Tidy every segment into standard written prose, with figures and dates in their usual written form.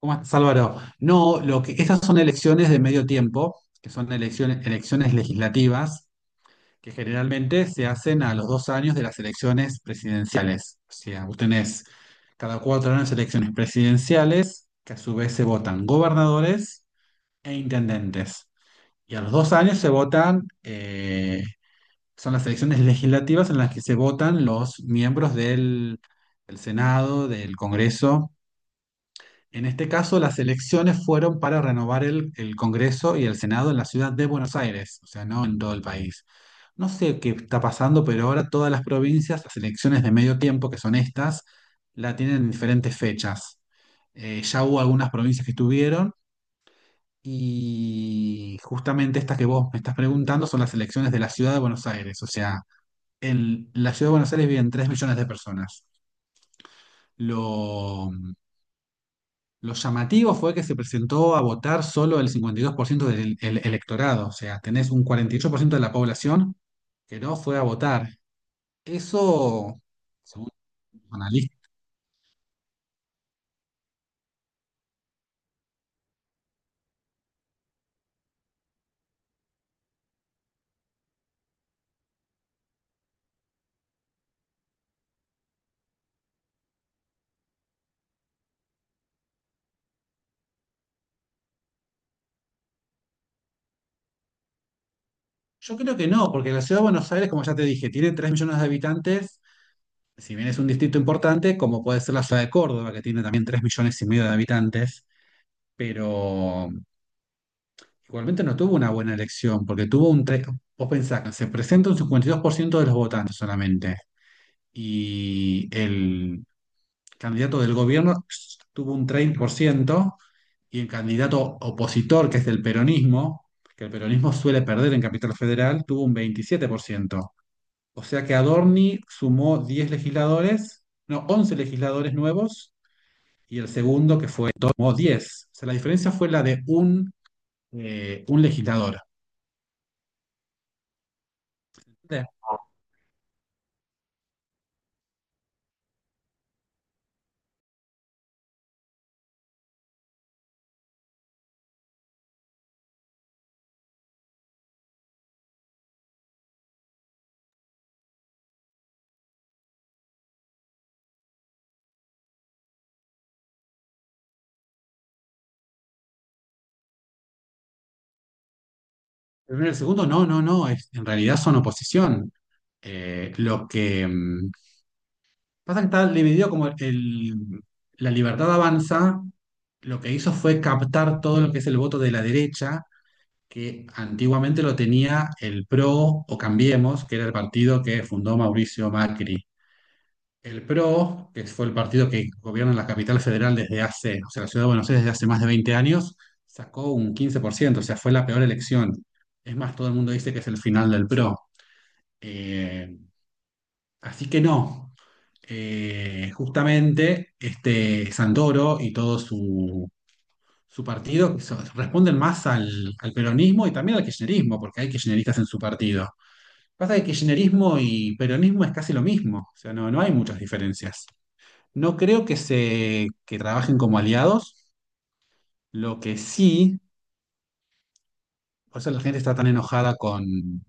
¿Cómo estás, Álvaro? No, lo que, esas son elecciones de medio tiempo, que son elecciones, elecciones legislativas, que generalmente se hacen a los dos años de las elecciones presidenciales. O sea, vos tenés cada cuatro años elecciones presidenciales, que a su vez se votan gobernadores e intendentes. Y a los dos años se votan, son las elecciones legislativas en las que se votan los miembros del Senado, del Congreso en este caso. Las elecciones fueron para renovar el Congreso y el Senado en la ciudad de Buenos Aires, o sea, no en todo el país. No sé qué está pasando, pero ahora todas las provincias, las elecciones de medio tiempo, que son estas, la tienen en diferentes fechas. Ya hubo algunas provincias que estuvieron, y justamente estas que vos me estás preguntando son las elecciones de la ciudad de Buenos Aires. O sea, en la ciudad de Buenos Aires viven 3.000.000 de personas. Lo, Lo llamativo fue que se presentó a votar solo el 52% del electorado, o sea, tenés un 48% de la población que no fue a votar. Eso, según los analistas, yo creo que no, porque la ciudad de Buenos Aires, como ya te dije, tiene 3 millones de habitantes. Si bien es un distrito importante, como puede ser la ciudad de Córdoba, que tiene también 3.500.000 de habitantes, pero igualmente no tuvo una buena elección, porque tuvo un tres. Vos pensás que se presenta un 52% de los votantes solamente. Y el candidato del gobierno tuvo un 30% y el candidato opositor, que es del peronismo, que el peronismo suele perder en Capital Federal, tuvo un 27%. O sea que Adorni sumó 10 legisladores, no, 11 legisladores nuevos, y el segundo que fue tomó diez. O sea, la diferencia fue la de un legislador. El primero, el segundo, no, no, no, en realidad son oposición. Lo que pasa que está dividido como el, la libertad avanza, lo que hizo fue captar todo lo que es el voto de la derecha, que antiguamente lo tenía el PRO o Cambiemos, que era el partido que fundó Mauricio Macri. El PRO, que fue el partido que gobierna la capital federal desde hace, o sea, la ciudad de Buenos Aires desde hace más de 20 años, sacó un 15%. O sea, fue la peor elección. Es más, todo el mundo dice que es el final del PRO. Eh, Así que no, justamente este Santoro y todo su, su partido responden más al, al peronismo y también al kirchnerismo, porque hay kirchneristas en su partido. Pasa que kirchnerismo y peronismo es casi lo mismo, o sea, no, no hay muchas diferencias. No creo que se que trabajen como aliados. Lo que sí, por eso la gente está tan enojada con...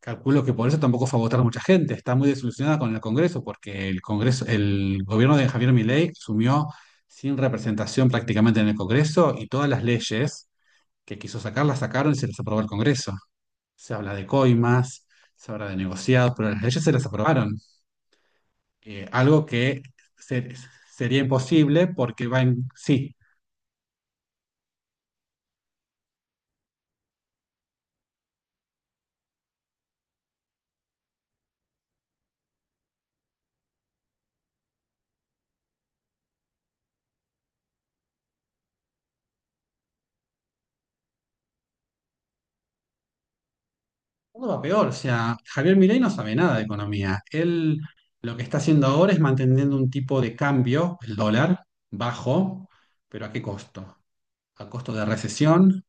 Calculo que por eso tampoco fue a votar mucha gente. Está muy desilusionada con el Congreso, porque el Congreso, el gobierno de Javier Milei sumió sin representación prácticamente en el Congreso, y todas las leyes que quiso sacar las sacaron y se las aprobó el Congreso. Se habla de coimas, se habla de negociados, pero las leyes se las aprobaron. Algo que se- sería imposible porque va en sí. Todo va peor, o sea, Javier Milei no sabe nada de economía. Él lo que está haciendo ahora es manteniendo un tipo de cambio, el dólar, bajo, pero ¿a qué costo? A costo de recesión,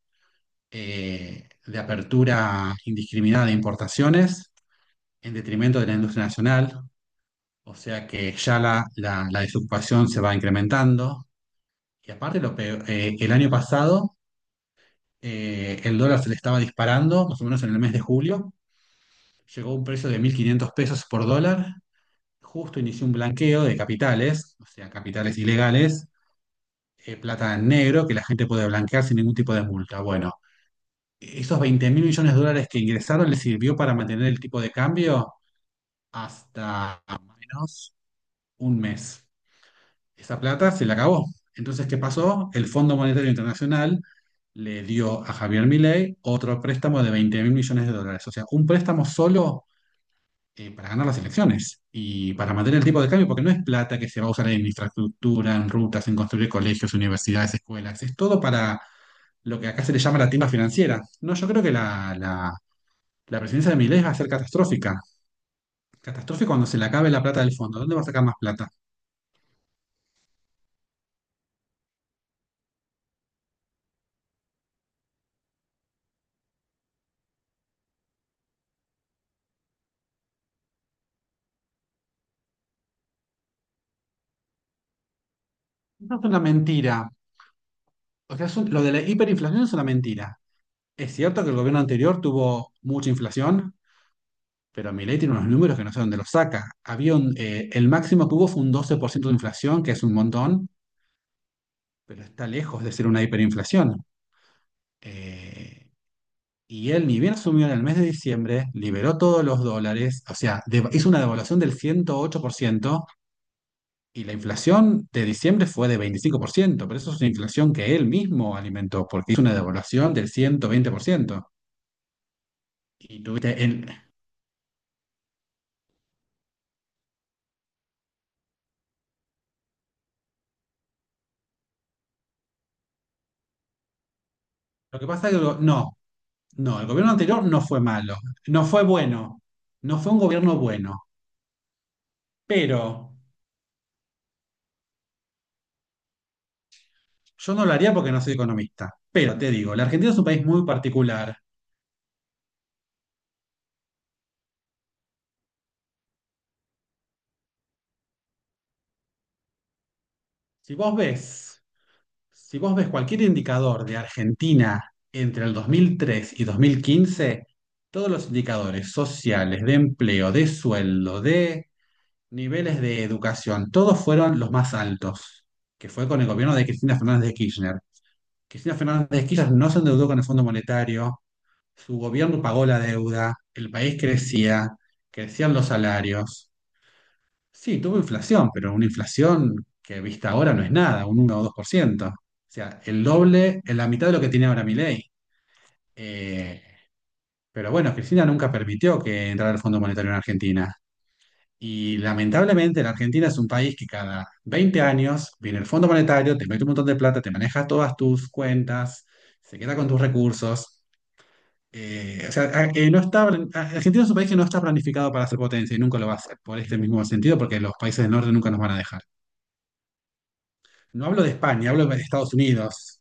de apertura indiscriminada de importaciones, en detrimento de la industria nacional, o sea que ya la, la desocupación se va incrementando. Y aparte, lo peor, el año pasado el dólar se le estaba disparando, más o menos en el mes de julio, llegó a un precio de 1.500 pesos por dólar. Justo inició un blanqueo de capitales, o sea, capitales ilegales, plata en negro que la gente puede blanquear sin ningún tipo de multa. Bueno, esos 20.000 millones de dólares que ingresaron les sirvió para mantener el tipo de cambio hasta menos un mes. Esa plata se la acabó. Entonces, ¿qué pasó? El Fondo Monetario Internacional le dio a Javier Milei otro préstamo de 20.000 millones de dólares. O sea, un préstamo solo para ganar las elecciones y para mantener el tipo de cambio, porque no es plata que se va a usar en infraestructura, en rutas, en construir colegios, universidades, escuelas. Es todo para lo que acá se le llama la timba financiera. No, yo creo que la presidencia de Milei va a ser catastrófica. Catastrófica cuando se le acabe la plata del fondo. ¿Dónde va a sacar más plata? No es una mentira. O sea, lo de la hiperinflación es una mentira. Es cierto que el gobierno anterior tuvo mucha inflación, pero Milei tiene unos números que no sé dónde los saca. Había un, el máximo que hubo fue un 12% de inflación, que es un montón, pero está lejos de ser una hiperinflación. Eh, y él ni bien asumió en el mes de diciembre, liberó todos los dólares, o sea, hizo una devaluación del 108%, y la inflación de diciembre fue de 25%, pero eso es una inflación que él mismo alimentó, porque hizo una devaluación del 120%. Y tuviste el... Lo que pasa es que... no. No, el gobierno anterior no fue malo, no fue bueno, no fue un gobierno bueno, pero yo no lo haría porque no soy economista. Pero te digo, la Argentina es un país muy particular. Si vos ves, si vos ves cualquier indicador de Argentina entre el 2003 y 2015, todos los indicadores sociales, de empleo, de sueldo, de niveles de educación, todos fueron los más altos, que fue con el gobierno de Cristina Fernández de Kirchner. Cristina Fernández de Kirchner no se endeudó con el Fondo Monetario. Su gobierno pagó la deuda, el país crecía, crecían los salarios. Sí, tuvo inflación, pero una inflación que vista ahora no es nada, un 1 o 2%. O sea, el doble, en la mitad de lo que tiene ahora Milei. Eh, pero bueno, Cristina nunca permitió que entrara el Fondo Monetario en Argentina. Y lamentablemente la Argentina es un país que cada 20 años viene el Fondo Monetario, te mete un montón de plata, te maneja todas tus cuentas, se queda con tus recursos. O sea, no está, Argentina es un país que no está planificado para ser potencia y nunca lo va a ser, por este mismo sentido, porque los países del norte nunca nos van a dejar. No hablo de España, hablo de Estados Unidos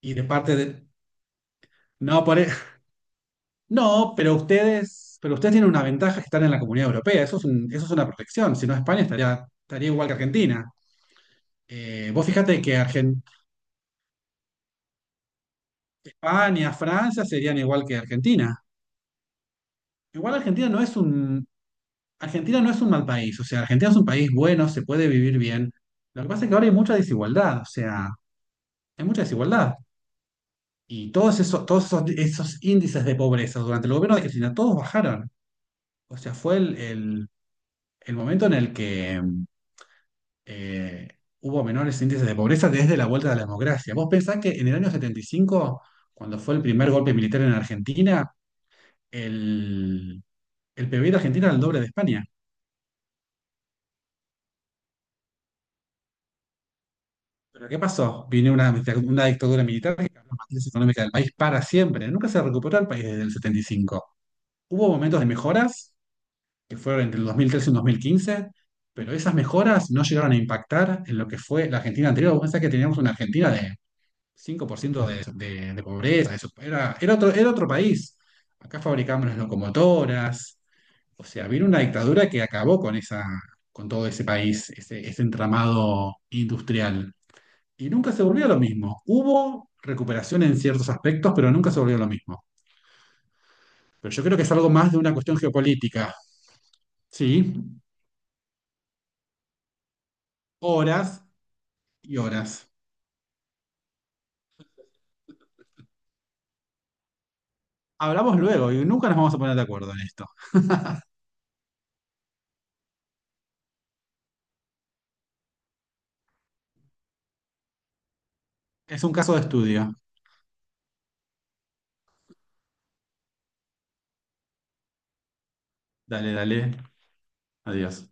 y de parte de... No, por... no, pero ustedes tienen una ventaja, que están en la Comunidad Europea. Eso es eso es una protección, si no España estaría, estaría igual que Argentina. Vos fíjate que España, Francia serían igual que Argentina. Igual Argentina no es un, Argentina no es un mal país, o sea, Argentina es un país bueno, se puede vivir bien. Lo que pasa es que ahora hay mucha desigualdad, o sea, hay mucha desigualdad. Y todos esos, esos índices de pobreza durante el gobierno de Cristina, todos bajaron. O sea, fue el, el momento en el que eh, hubo menores índices de pobreza desde la vuelta de la democracia. ¿Vos pensás que en el año 75, cuando fue el primer golpe militar en Argentina, el, el PBI de Argentina era el doble de España? ¿Pero qué pasó? Vino una, una dictadura militar que cambió la matriz económica del país para siempre. Nunca se recuperó el país desde el 75. Hubo momentos de mejoras, que fueron entre el 2013 y el 2015, pero esas mejoras no llegaron a impactar en lo que fue la Argentina anterior. Vos pensás que teníamos una Argentina de 5% de pobreza, eso. Era, era otro país. Acá fabricamos las locomotoras. O sea, vino una dictadura que acabó con esa, con todo ese país, ese entramado industrial. Y nunca se volvió lo mismo. Hubo recuperación en ciertos aspectos, pero nunca se volvió lo mismo. Pero yo creo que es algo más de una cuestión geopolítica. Sí, horas y horas. Hablamos luego y nunca nos vamos a poner de acuerdo en esto. Es un caso de estudio. Dale, dale. Adiós.